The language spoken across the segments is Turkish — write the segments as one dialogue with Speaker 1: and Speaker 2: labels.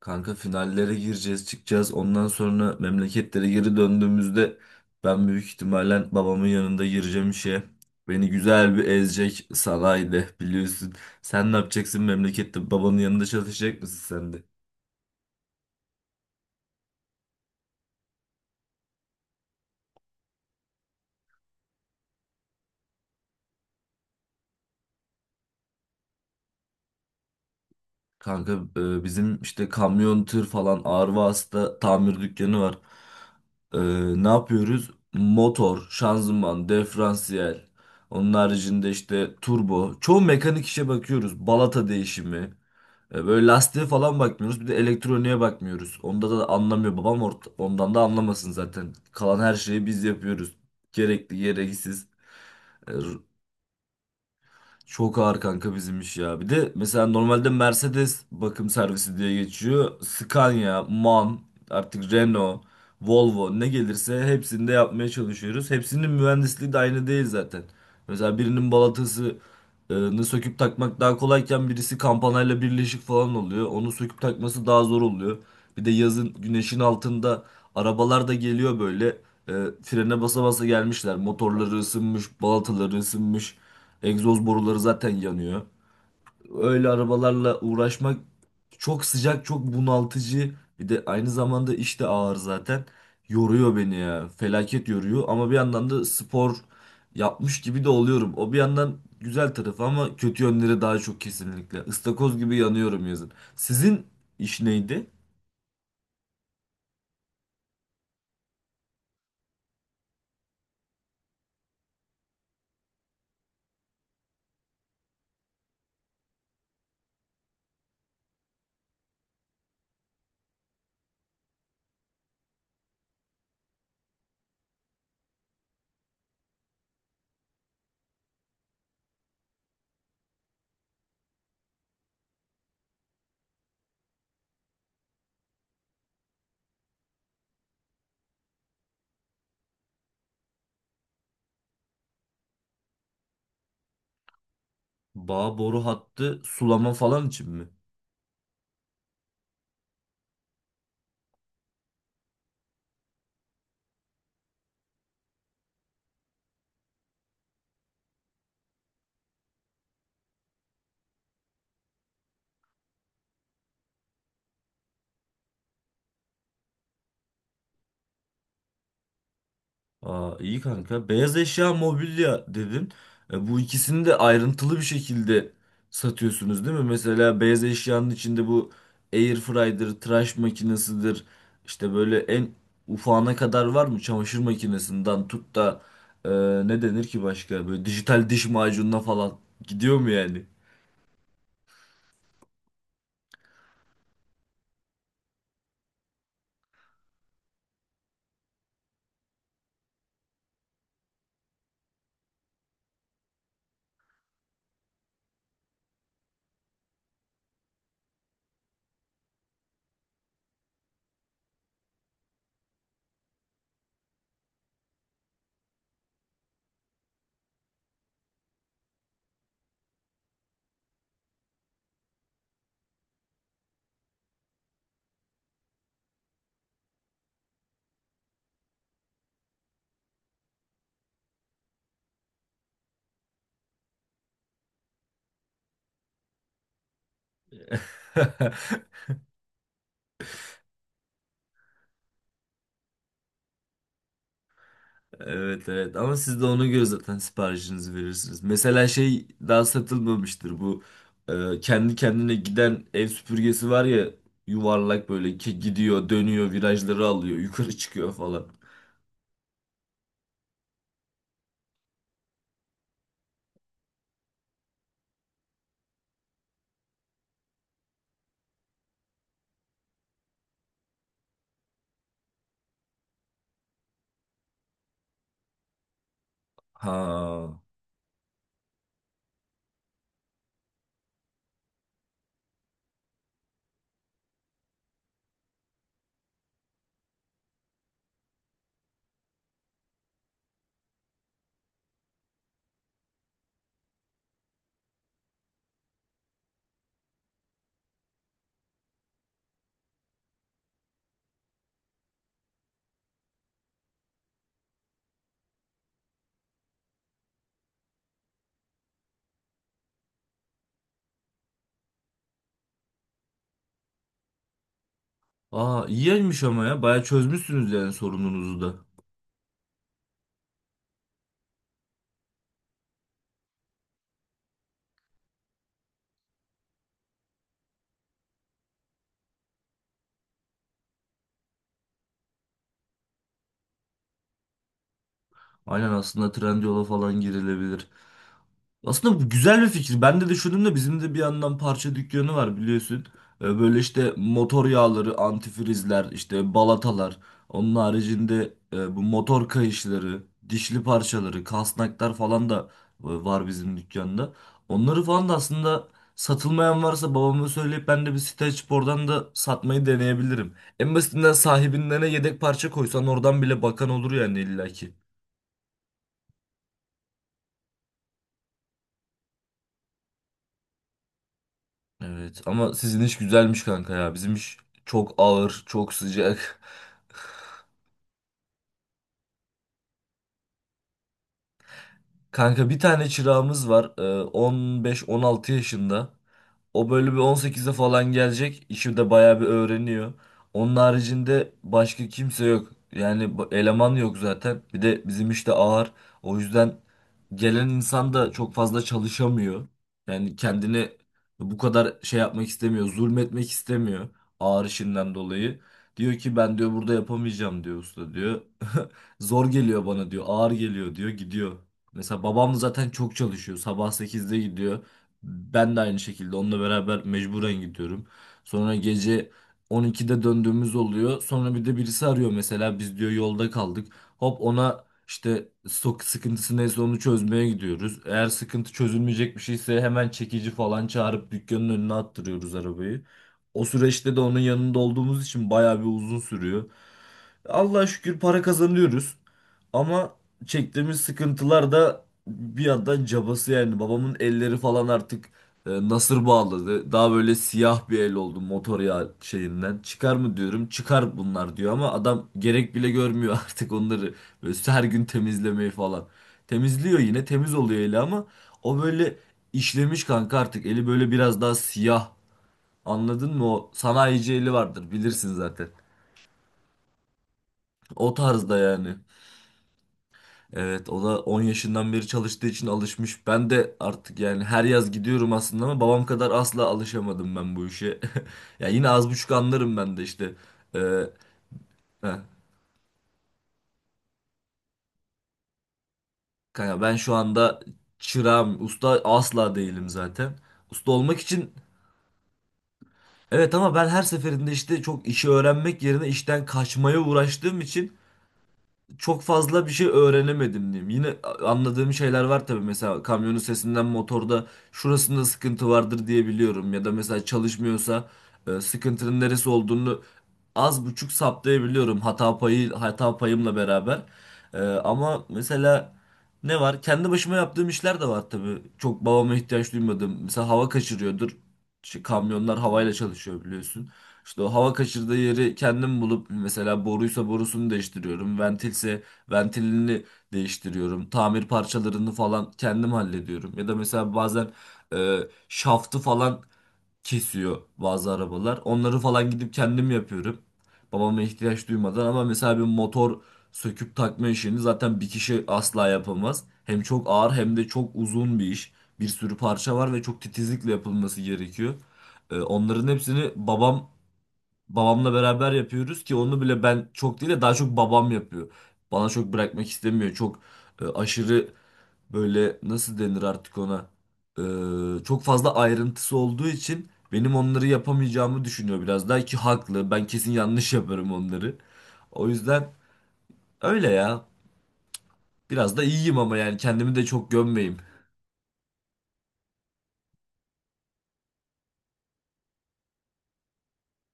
Speaker 1: Kanka finallere gireceğiz, çıkacağız. Ondan sonra memleketlere geri döndüğümüzde ben büyük ihtimalle babamın yanında gireceğim işe. Beni güzel bir ezecek sanayide biliyorsun. Sen ne yapacaksın memlekette? Babanın yanında çalışacak mısın sen de? Kanka bizim işte kamyon, tır falan ağır vasıta tamir dükkanı var. E, Ne yapıyoruz? Motor, şanzıman, diferansiyel. Onun haricinde işte turbo. Çoğu mekanik işe bakıyoruz. Balata değişimi. Böyle lastiğe falan bakmıyoruz. Bir de elektroniğe bakmıyoruz. Onda da anlamıyor babam. Ondan da anlamasın zaten. Kalan her şeyi biz yapıyoruz. Gerekli, gereksiz. Çok ağır kanka bizim iş ya. Bir de mesela normalde Mercedes bakım servisi diye geçiyor. Scania, MAN, artık Renault, Volvo ne gelirse hepsini de yapmaya çalışıyoruz. Hepsinin mühendisliği de aynı değil zaten. Mesela birinin balatasını söküp takmak daha kolayken birisi kampanayla birleşik falan oluyor. Onu söküp takması daha zor oluyor. Bir de yazın güneşin altında arabalar da geliyor böyle. E, Frene basa basa gelmişler. Motorları ısınmış, balataları ısınmış. Egzoz boruları zaten yanıyor. Öyle arabalarla uğraşmak çok sıcak, çok bunaltıcı. Bir de aynı zamanda iş de ağır zaten. Yoruyor beni ya. Felaket yoruyor ama bir yandan da spor yapmış gibi de oluyorum. O bir yandan güzel tarafı ama kötü yönleri daha çok kesinlikle. Istakoz gibi yanıyorum yazın. Sizin iş neydi? Bağ boru hattı sulama falan için mi? Aa, iyi kanka. Beyaz eşya, mobilya dedin. Bu ikisini de ayrıntılı bir şekilde satıyorsunuz değil mi? Mesela beyaz eşyanın içinde bu air fryer'dır, tıraş makinesidir. İşte böyle en ufağına kadar var mı? Çamaşır makinesinden tut da e, ne denir ki başka? Böyle dijital diş macununa falan gidiyor mu yani? Evet evet ama siz de ona göre zaten siparişinizi verirsiniz. Mesela şey daha satılmamıştır bu kendi kendine giden ev süpürgesi var ya, yuvarlak böyle ki gidiyor dönüyor virajları alıyor yukarı çıkıyor falan. Ha. Aa, iyiymiş ama ya bayağı çözmüşsünüz yani sorununuzu da. Aynen, aslında Trendyol'a falan girilebilir. Aslında bu güzel bir fikir. Ben de düşündüm de bizim de bir yandan parça dükkanı var biliyorsun. Böyle işte motor yağları, antifrizler, işte balatalar. Onun haricinde bu motor kayışları, dişli parçaları, kasnaklar falan da var bizim dükkanda. Onları falan da aslında satılmayan varsa babama söyleyip ben de bir site açıp oradan da satmayı deneyebilirim. En basitinden sahibinden yedek parça koysan oradan bile bakan olur yani illaki. Evet ama sizin iş güzelmiş kanka ya. Bizim iş çok ağır, çok sıcak. Kanka bir tane çırağımız var. 15-16 yaşında. O böyle bir 18'e falan gelecek. İşi de bayağı bir öğreniyor. Onun haricinde başka kimse yok. Yani eleman yok zaten. Bir de bizim işte ağır. O yüzden gelen insan da çok fazla çalışamıyor. Yani kendini bu kadar şey yapmak istemiyor. Zulmetmek istemiyor ağır işinden dolayı. Diyor ki ben diyor burada yapamayacağım diyor usta diyor. Zor geliyor bana diyor. Ağır geliyor diyor. Gidiyor. Mesela babam zaten çok çalışıyor. Sabah 8'de gidiyor. Ben de aynı şekilde onunla beraber mecburen gidiyorum. Sonra gece 12'de döndüğümüz oluyor. Sonra bir de birisi arıyor mesela biz diyor yolda kaldık. Hop ona işte sok sıkıntısı neyse onu çözmeye gidiyoruz. Eğer sıkıntı çözülmeyecek bir şeyse hemen çekici falan çağırıp dükkanın önüne attırıyoruz arabayı. O süreçte de onun yanında olduğumuz için bayağı bir uzun sürüyor. Allah'a şükür para kazanıyoruz. Ama çektiğimiz sıkıntılar da bir yandan cabası yani. Babamın elleri falan artık nasır bağladı. Daha böyle siyah bir el oldu motor yağı şeyinden. Çıkar mı diyorum. Çıkar bunlar diyor ama adam gerek bile görmüyor artık onları. Böyle her gün temizlemeyi falan. Temizliyor yine temiz oluyor eli ama o böyle işlemiş kanka artık. Eli böyle biraz daha siyah. Anladın mı? O sanayici eli vardır bilirsin zaten. O tarzda yani. Evet o da 10 yaşından beri çalıştığı için alışmış. Ben de artık yani her yaz gidiyorum aslında ama babam kadar asla alışamadım ben bu işe. Ya yine az buçuk anlarım ben de işte. Ee, heh, kanka ben şu anda çırağım, usta asla değilim zaten. Usta olmak için evet ama ben her seferinde işte çok işi öğrenmek yerine işten kaçmaya uğraştığım için çok fazla bir şey öğrenemedim diyeyim. Yine anladığım şeyler var tabii. Mesela kamyonun sesinden motorda şurasında sıkıntı vardır diye biliyorum. Ya da mesela çalışmıyorsa sıkıntının neresi olduğunu az buçuk saptayabiliyorum hata payımla beraber. Ama mesela ne var? Kendi başıma yaptığım işler de var tabii. Çok babama ihtiyaç duymadım. Mesela hava kaçırıyordur. İşte kamyonlar havayla çalışıyor biliyorsun. İşte o hava kaçırdığı yeri kendim bulup mesela boruysa borusunu değiştiriyorum. Ventilse ventilini değiştiriyorum. Tamir parçalarını falan kendim hallediyorum. Ya da mesela bazen e, şaftı falan kesiyor bazı arabalar. Onları falan gidip kendim yapıyorum. Babama ihtiyaç duymadan ama mesela bir motor söküp takma işini zaten bir kişi asla yapamaz. Hem çok ağır hem de çok uzun bir iş. Bir sürü parça var ve çok titizlikle yapılması gerekiyor. E, Onların hepsini babam Babamla beraber yapıyoruz ki onu bile ben çok değil de daha çok babam yapıyor. Bana çok bırakmak istemiyor. Çok aşırı böyle nasıl denir artık ona? Çok fazla ayrıntısı olduğu için benim onları yapamayacağımı düşünüyor biraz daha ki haklı. Ben kesin yanlış yaparım onları. O yüzden öyle ya. Biraz da iyiyim ama yani kendimi de çok gömmeyeyim.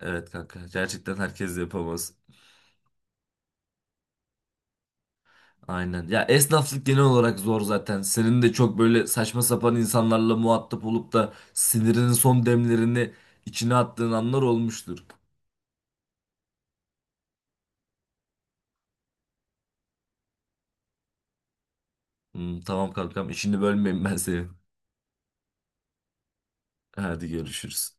Speaker 1: Evet kanka gerçekten herkes yapamaz. Aynen. Ya esnaflık genel olarak zor zaten. Senin de çok böyle saçma sapan insanlarla muhatap olup da sinirinin son demlerini içine attığın anlar olmuştur. Hmm, tamam kankam, işini bölmeyeyim ben senin. Hadi görüşürüz.